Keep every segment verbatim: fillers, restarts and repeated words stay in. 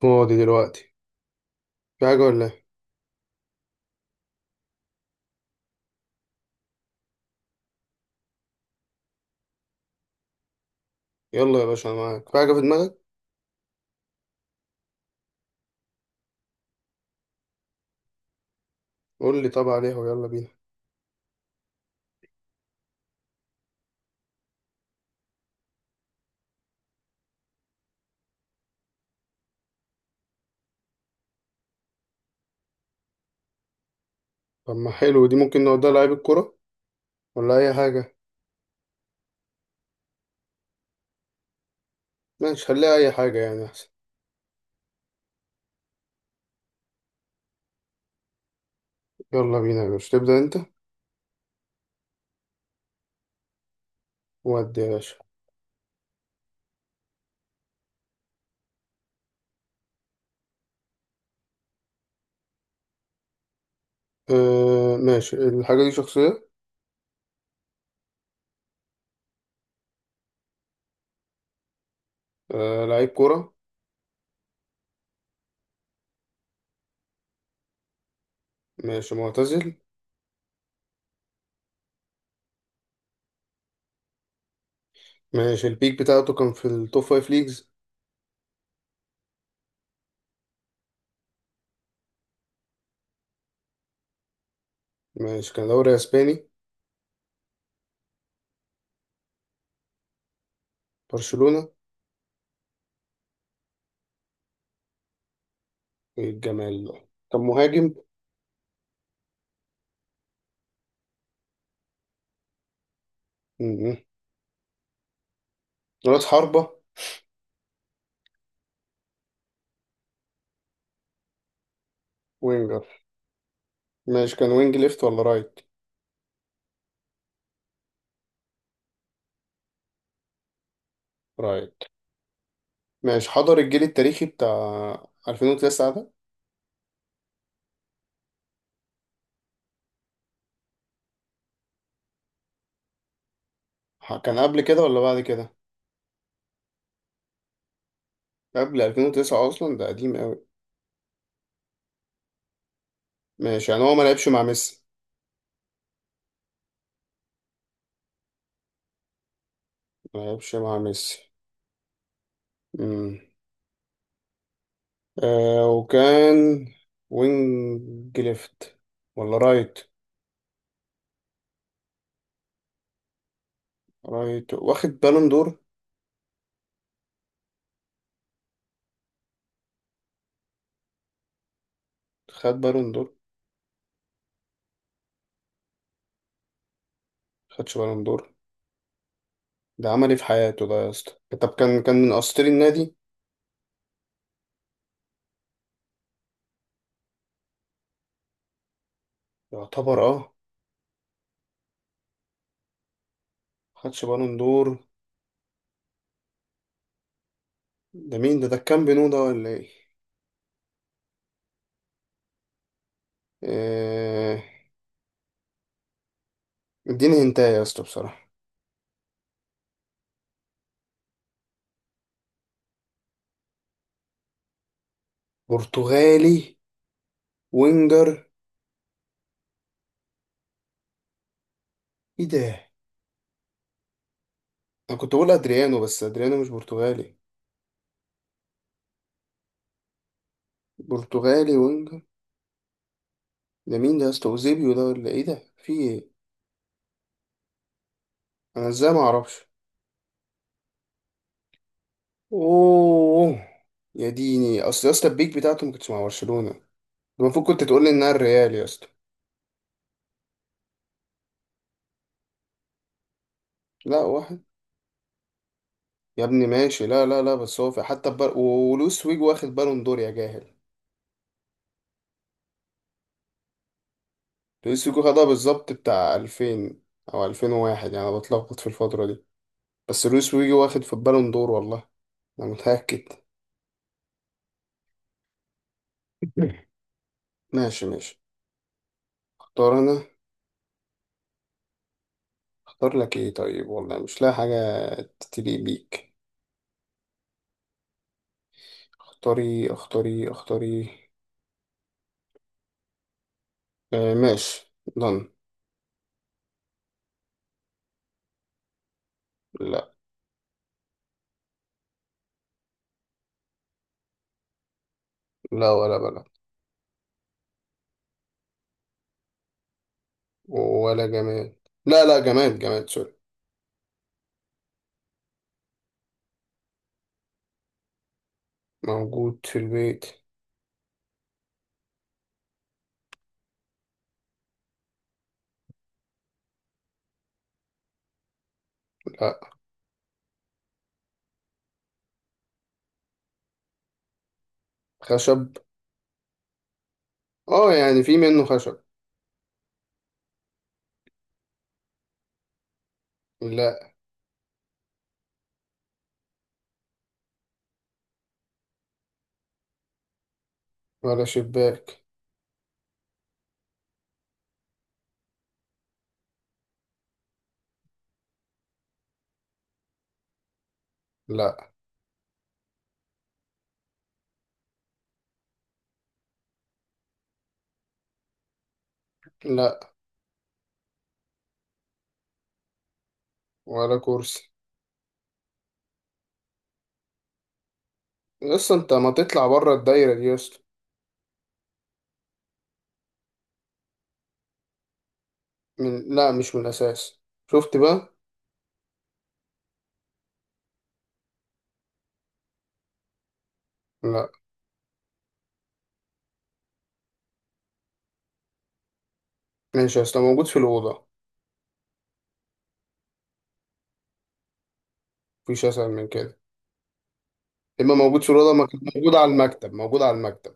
فاضي دلوقتي، في حاجة ولا ايه؟ يلا يا باشا انا معاك. في حاجة في دماغك قول لي، طب عليها ويلا بينا. طب ما حلو دي، ممكن نوديها لعيب الكرة ولا أي حاجة. ماشي خليها أي حاجة يعني أحسن. يلا بينا يا باشا تبدأ أنت. ودي يا باشا. آه ماشي، الحاجة دي شخصية. آه لعيب كرة. ماشي معتزل. ماشي البيك بتاعته كان في التوب فايف ليجز. ماشي كان دوري أسباني. برشلونة. إيه الجمال ده! كان مهاجم. م- م. رأس حربة. وينجر. ماشي كان وينج ليفت ولا رايت؟ رايت. ماشي حضر الجيل التاريخي بتاع الفين وتسعة ده؟ ح- كان قبل كده ولا بعد كده؟ قبل الفين وتسعة اصلا، ده قديم قوي. ماشي يعني هو ما لعبش مع ميسي. ما لعبش مع ميسي. امم آه وكان وينج ليفت ولا رايت؟ رايت واخد بالون دور. خد بالون دور. خدش بالون دور؟ ده عمل ايه في حياته ده يا اسطى؟ طب كان كان من اساطير النادي، يعتبر اه. خدش بالون دور. ده مين ده؟ ده كان بينو ده ولا ايه؟ آه اديني هنتايا يا اسطى بصراحة. برتغالي وينجر؟ ايه ده! انا كنت بقول ادريانو، بس ادريانو مش برتغالي. برتغالي وينجر؟ ده مين ده يا اسطى؟ اوزيبيو ده ولا ايه؟ ده في ايه؟ انا ازاي ما اعرفش؟ اوه، يا ديني! اصل يا اسطى البيك بتاعته ما كنتش مع برشلونة ده، المفروض كنت تقول لي انها الريال يا اسطى. لا واحد. يا ابني ماشي، لا لا لا، بس هو في حتى بر... ولويس فيجو واخد بالون دور يا جاهل. لويس فيجو خدها بالظبط بتاع الفين او الفين وواحد، يعني انا بتلخبط في الفترة دي، بس لويس ويجي واخد في البالون دور والله. انا متأكد. ماشي ماشي. اختار انا. اختار لك ايه طيب، والله مش لاقي حاجة تليق بيك. اختاري اختاري اختاري. آه ماشي. ضن. لا. لا ولا بلد. ولا جماد. لا لا، جماد جماد سوري. موجود في البيت. لا خشب. اه يعني في منه خشب. لا. ولا شباك. لا. لا ولا كرسي. يس، انت ما تطلع بره الدايرة دي يس. من... لا مش من الأساس. شفت بقى؟ لا. ماشي، أصل موجود في الأوضة مفيش أسهل من كده. إما موجود في الأوضة، ما كان موجود على المكتب موجود على المكتب.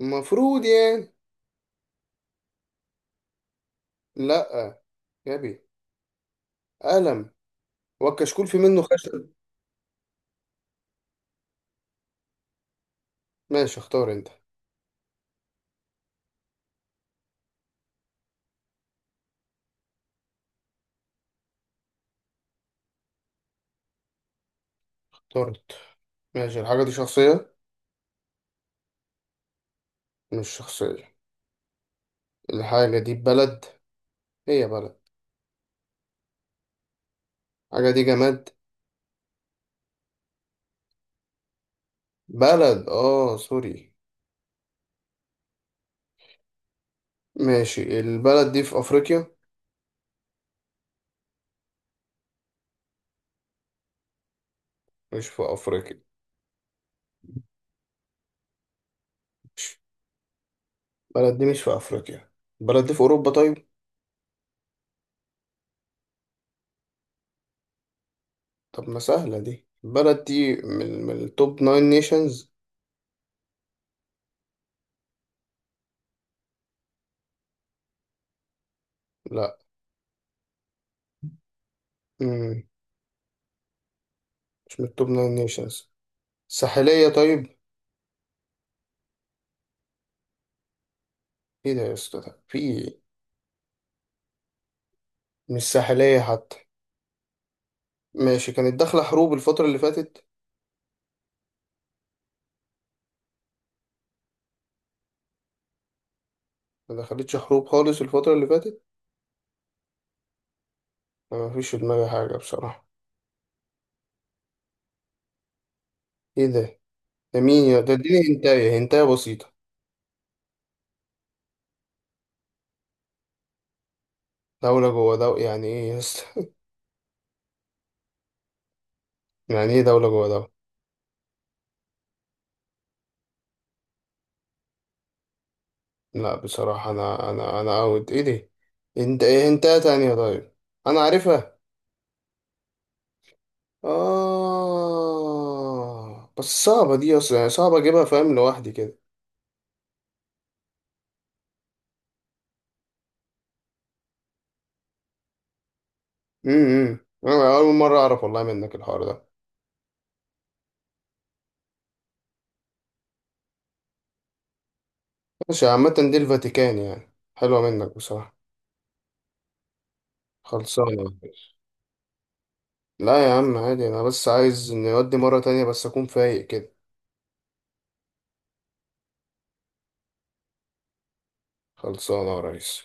المفروض يعني. لا. يا بي. قلم. والكشكول في منه خشب. ماشي اختار أنت. اخترت. ماشي، الحاجة دي شخصية. مش شخصية. الحاجة دي بلد. هي بلد. الحاجة دي جماد. بلد اه سوري. ماشي، البلد دي في أفريقيا. مش في أفريقيا. ماشي. البلد دي مش في أفريقيا. البلد دي في أوروبا طيب. طب ما سهلة دي، البلد دي من, من التوب ناين نيشنز. لا. مم. مش من التوب ناين نيشنز. ساحلية طيب. ايه ده يا اسطى ده؟ في إيه؟ مش ساحلية حتى. ماشي كانت داخلة حروب الفترة اللي فاتت. ما دخلتش حروب خالص الفترة اللي فاتت. أنا مفيش في دماغي حاجة بصراحة. ايه ده! ده مين يا ده؟ اديني هنتاية، هنتاية بسيطة. دولة جوه دولة يعني ايه يا اسطى؟ يعني ايه دولة جوه دولة؟ لا بصراحة، انا انا انا اوت ايه دي. انت ايه هنتاية تانية طيب، انا عارفها. آه بس صعبة دي أصلا، يعني صعب أجيبها فاهم لوحدي كده. امم إمم. أنا أول مرة أعرف والله منك الحوار ده. ماشي، عامة دي الفاتيكان، يعني حلوة منك بصراحة. خلصانة. لا يا عم عادي، أنا بس عايز نودي مرة تانية بس أكون فايق كده. خلصانة يا ريس.